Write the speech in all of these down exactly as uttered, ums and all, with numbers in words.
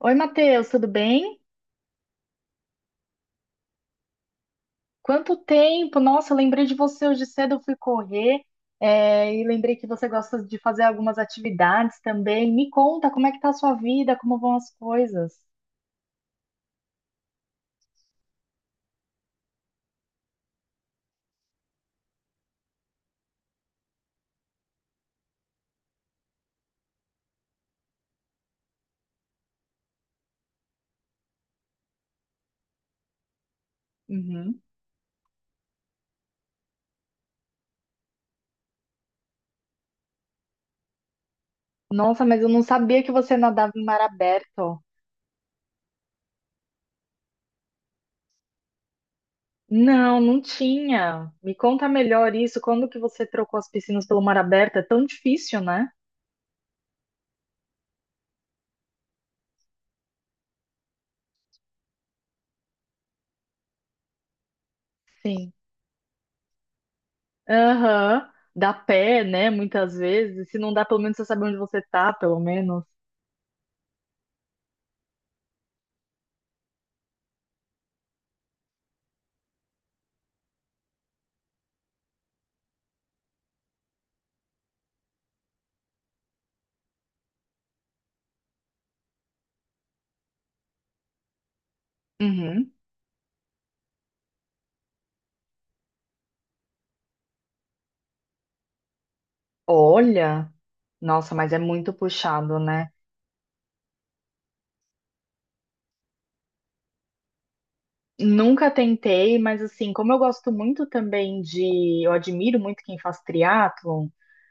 Oi, Matheus, tudo bem? Quanto tempo? Nossa, eu lembrei de você hoje cedo, eu fui correr, é, e lembrei que você gosta de fazer algumas atividades também. Me conta, como é que tá a sua vida, como vão as coisas? Uhum. Nossa, mas eu não sabia que você nadava em mar aberto. Não, não tinha. Me conta melhor isso, quando que você trocou as piscinas pelo mar aberto? É tão difícil, né? Sim. Aham. Dá pé, né, muitas vezes. Se não dá, pelo menos você sabe onde você tá, pelo menos. Olha, nossa, mas é muito puxado, né? Nunca tentei, mas assim, como eu gosto muito também de, eu admiro muito quem faz triatlon.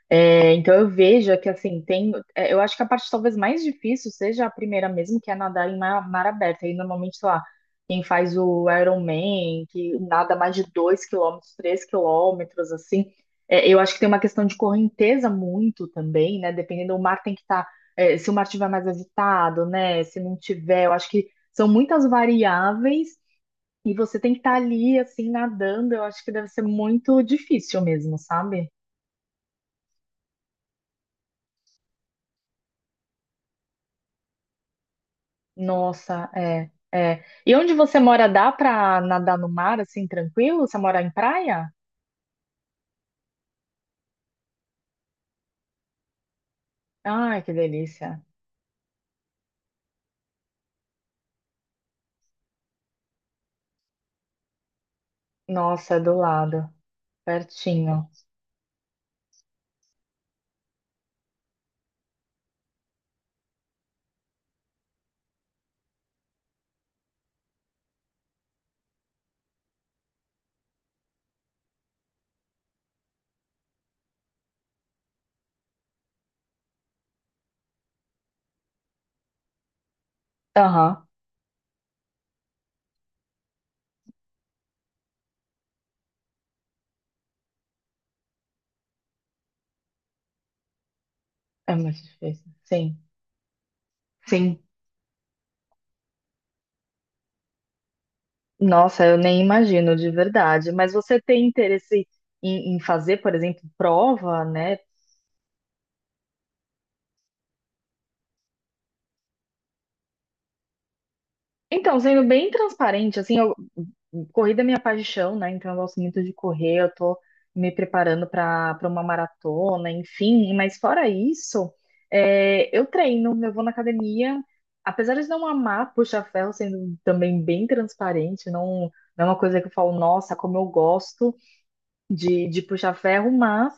É, então eu vejo que assim tem, é, eu acho que a parte talvez mais difícil seja a primeira mesmo, que é nadar em mar, mar aberto. Aí normalmente, sei lá, quem faz o Ironman, que nada mais de dois quilômetros, três quilômetros, assim, é, eu acho que tem uma questão de correnteza muito também, né? Dependendo, o mar tem que estar, se o mar estiver mais agitado, né? Se não tiver, eu acho que são muitas variáveis e você tem que estar ali, assim, nadando. Eu acho que deve ser muito difícil mesmo, sabe? Nossa, é, é. E onde você mora, dá pra nadar no mar assim, tranquilo? Você mora em praia? Ai, que delícia. Nossa, é do lado, pertinho. Aham, é muito difícil. Sim, sim. Nossa, eu nem imagino de verdade. Mas você tem interesse em, em fazer, por exemplo, prova, né? Então, sendo bem transparente, assim, eu, corrida é minha paixão, né? Então eu gosto muito de correr, eu tô me preparando para para uma maratona, enfim, mas fora isso, é, eu treino, eu vou na academia, apesar de não amar puxa-ferro, sendo também bem transparente, não, não é uma coisa que eu falo, nossa, como eu gosto, de, de puxar ferro, mas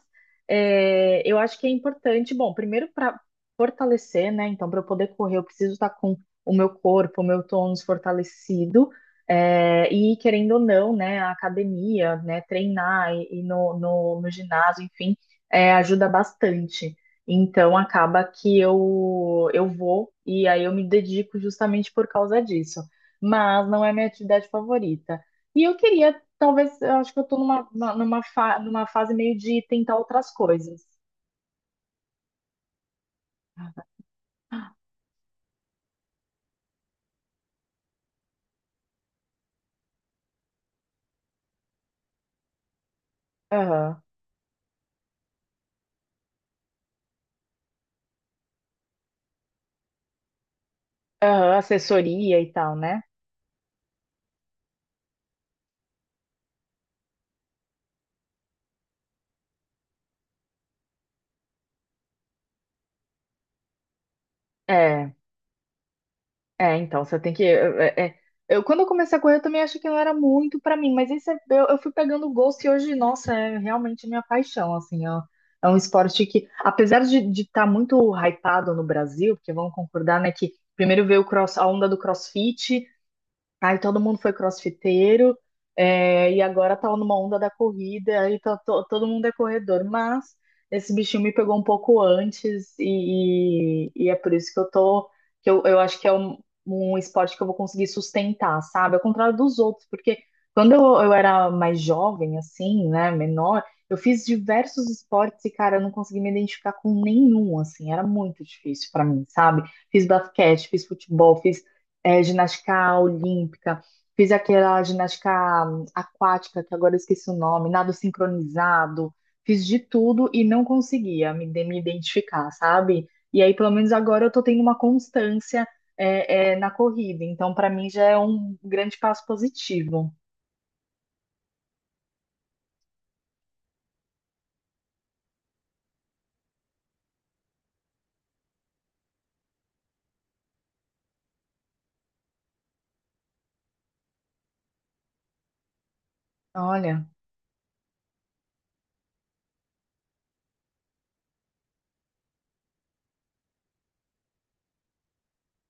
é, eu acho que é importante, bom, primeiro para fortalecer, né? Então, para eu poder correr, eu preciso estar com o meu corpo, o meu tônus fortalecido, é, e querendo ou não, né, a academia, né, treinar e, e no, no, no ginásio, enfim, é, ajuda bastante. Então, acaba que eu, eu vou e aí eu me dedico justamente por causa disso. Mas não é minha atividade favorita. E eu queria. Talvez, eu acho que eu tô numa, numa, fa- numa fase meio de tentar outras coisas. Aham. Aham, assessoria e tal, né? É, é, então, você tem que. É, é. Eu, quando eu comecei a correr, eu também achei que não era muito pra mim, mas isso é- eu, eu fui pegando o gosto e hoje, nossa, é realmente minha paixão, assim, ó. É um esporte que, apesar de estar muito hypado no Brasil, porque vamos concordar, né, que primeiro veio o cross, a onda do CrossFit. Aí todo mundo foi crossfiteiro, é, e agora tá numa onda da corrida, aí tá, to- todo mundo é corredor, mas esse bichinho me pegou um pouco antes, e, e- e é por isso que eu tô, que eu, eu acho que é um, um esporte que eu vou conseguir sustentar, sabe? Ao contrário dos outros, porque quando eu, eu era mais jovem, assim, né, menor, eu fiz diversos esportes e, cara, eu não consegui me identificar com nenhum, assim, era muito difícil pra mim, sabe? Fiz basquete, fiz futebol, fiz é, ginástica olímpica, fiz aquela ginástica hum, aquática, que agora eu esqueci o nome, nado sincronizado, fiz de tudo e não conseguia me, de- me identificar, sabe? E aí, pelo menos agora, eu tô tendo uma constância, é, é, na corrida, então para mim já é um grande passo positivo. Olha,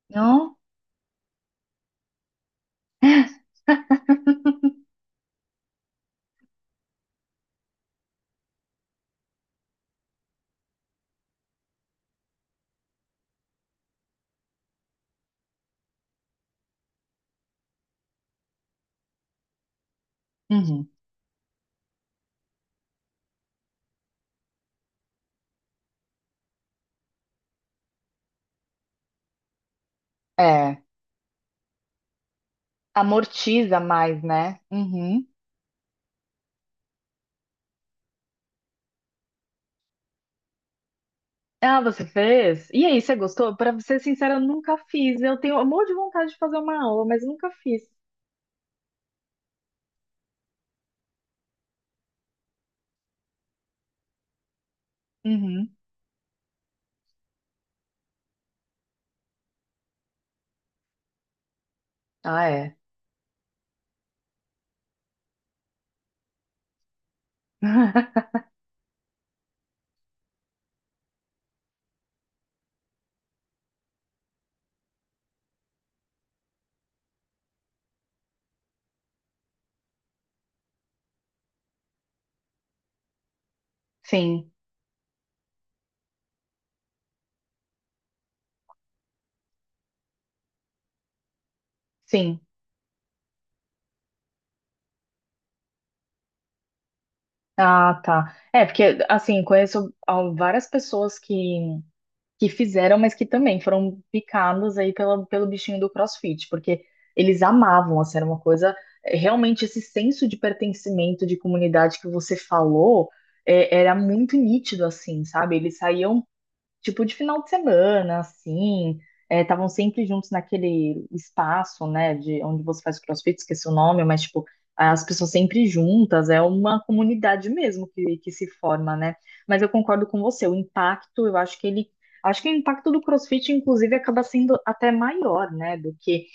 não? Uhum. É, amortiza mais, né? Uhum. Ah, você fez? E aí, você gostou? Para ser sincera, eu nunca fiz. Eu tenho um monte de vontade de fazer uma aula, mas nunca fiz. Uhum. Ah, é. Sim, sim. Ah, tá. É, porque, assim, conheço al- várias pessoas que, que fizeram, mas que também foram picadas aí pela, pelo bichinho do CrossFit, porque eles amavam, assim, era uma coisa. é, Realmente, esse senso de pertencimento, de comunidade que você falou, é, era muito nítido, assim, sabe? Eles saíam tipo de final de semana, assim, estavam sempre juntos naquele espaço, né, de onde você faz o CrossFit, esqueci o nome, mas tipo, as pessoas sempre juntas, é uma comunidade mesmo que, que se forma, né? Mas eu concordo com você, o impacto, eu acho que ele, acho que o impacto do CrossFit, inclusive, acaba sendo até maior, né, do que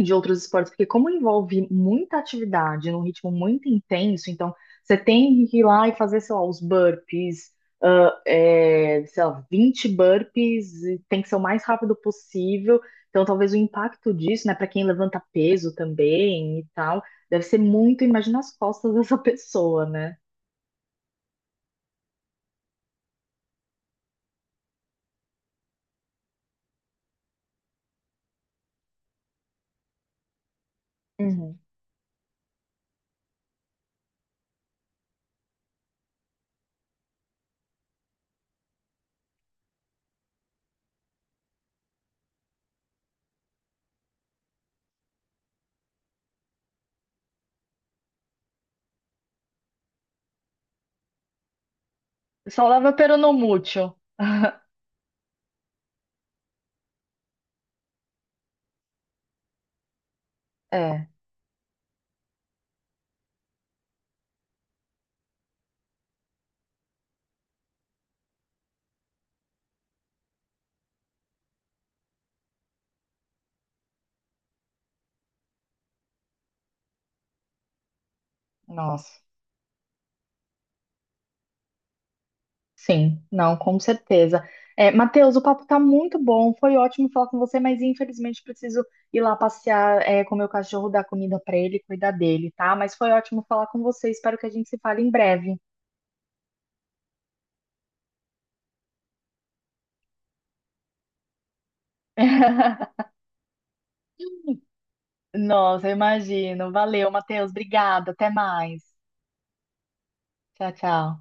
de outros esportes, porque como envolve muita atividade num ritmo muito intenso, então você tem que ir lá e fazer, sei lá, os burpees, ah, é, sei lá, vinte burpees, e tem que ser o mais rápido possível. Então, talvez o impacto disso, né, para quem levanta peso também e tal, deve ser muito, imagina as costas dessa pessoa, né? Uhum. Só leva pero no mútil. É, nossa. Sim, não, com certeza. É, Matheus, o papo tá muito bom, foi ótimo falar com você, mas infelizmente preciso ir lá passear, é, com o meu cachorro, dar comida pra ele, cuidar dele, tá? Mas foi ótimo falar com você, espero que a gente se fale em breve. Nossa, eu imagino. Valeu, Matheus, obrigada, até mais. Tchau, tchau.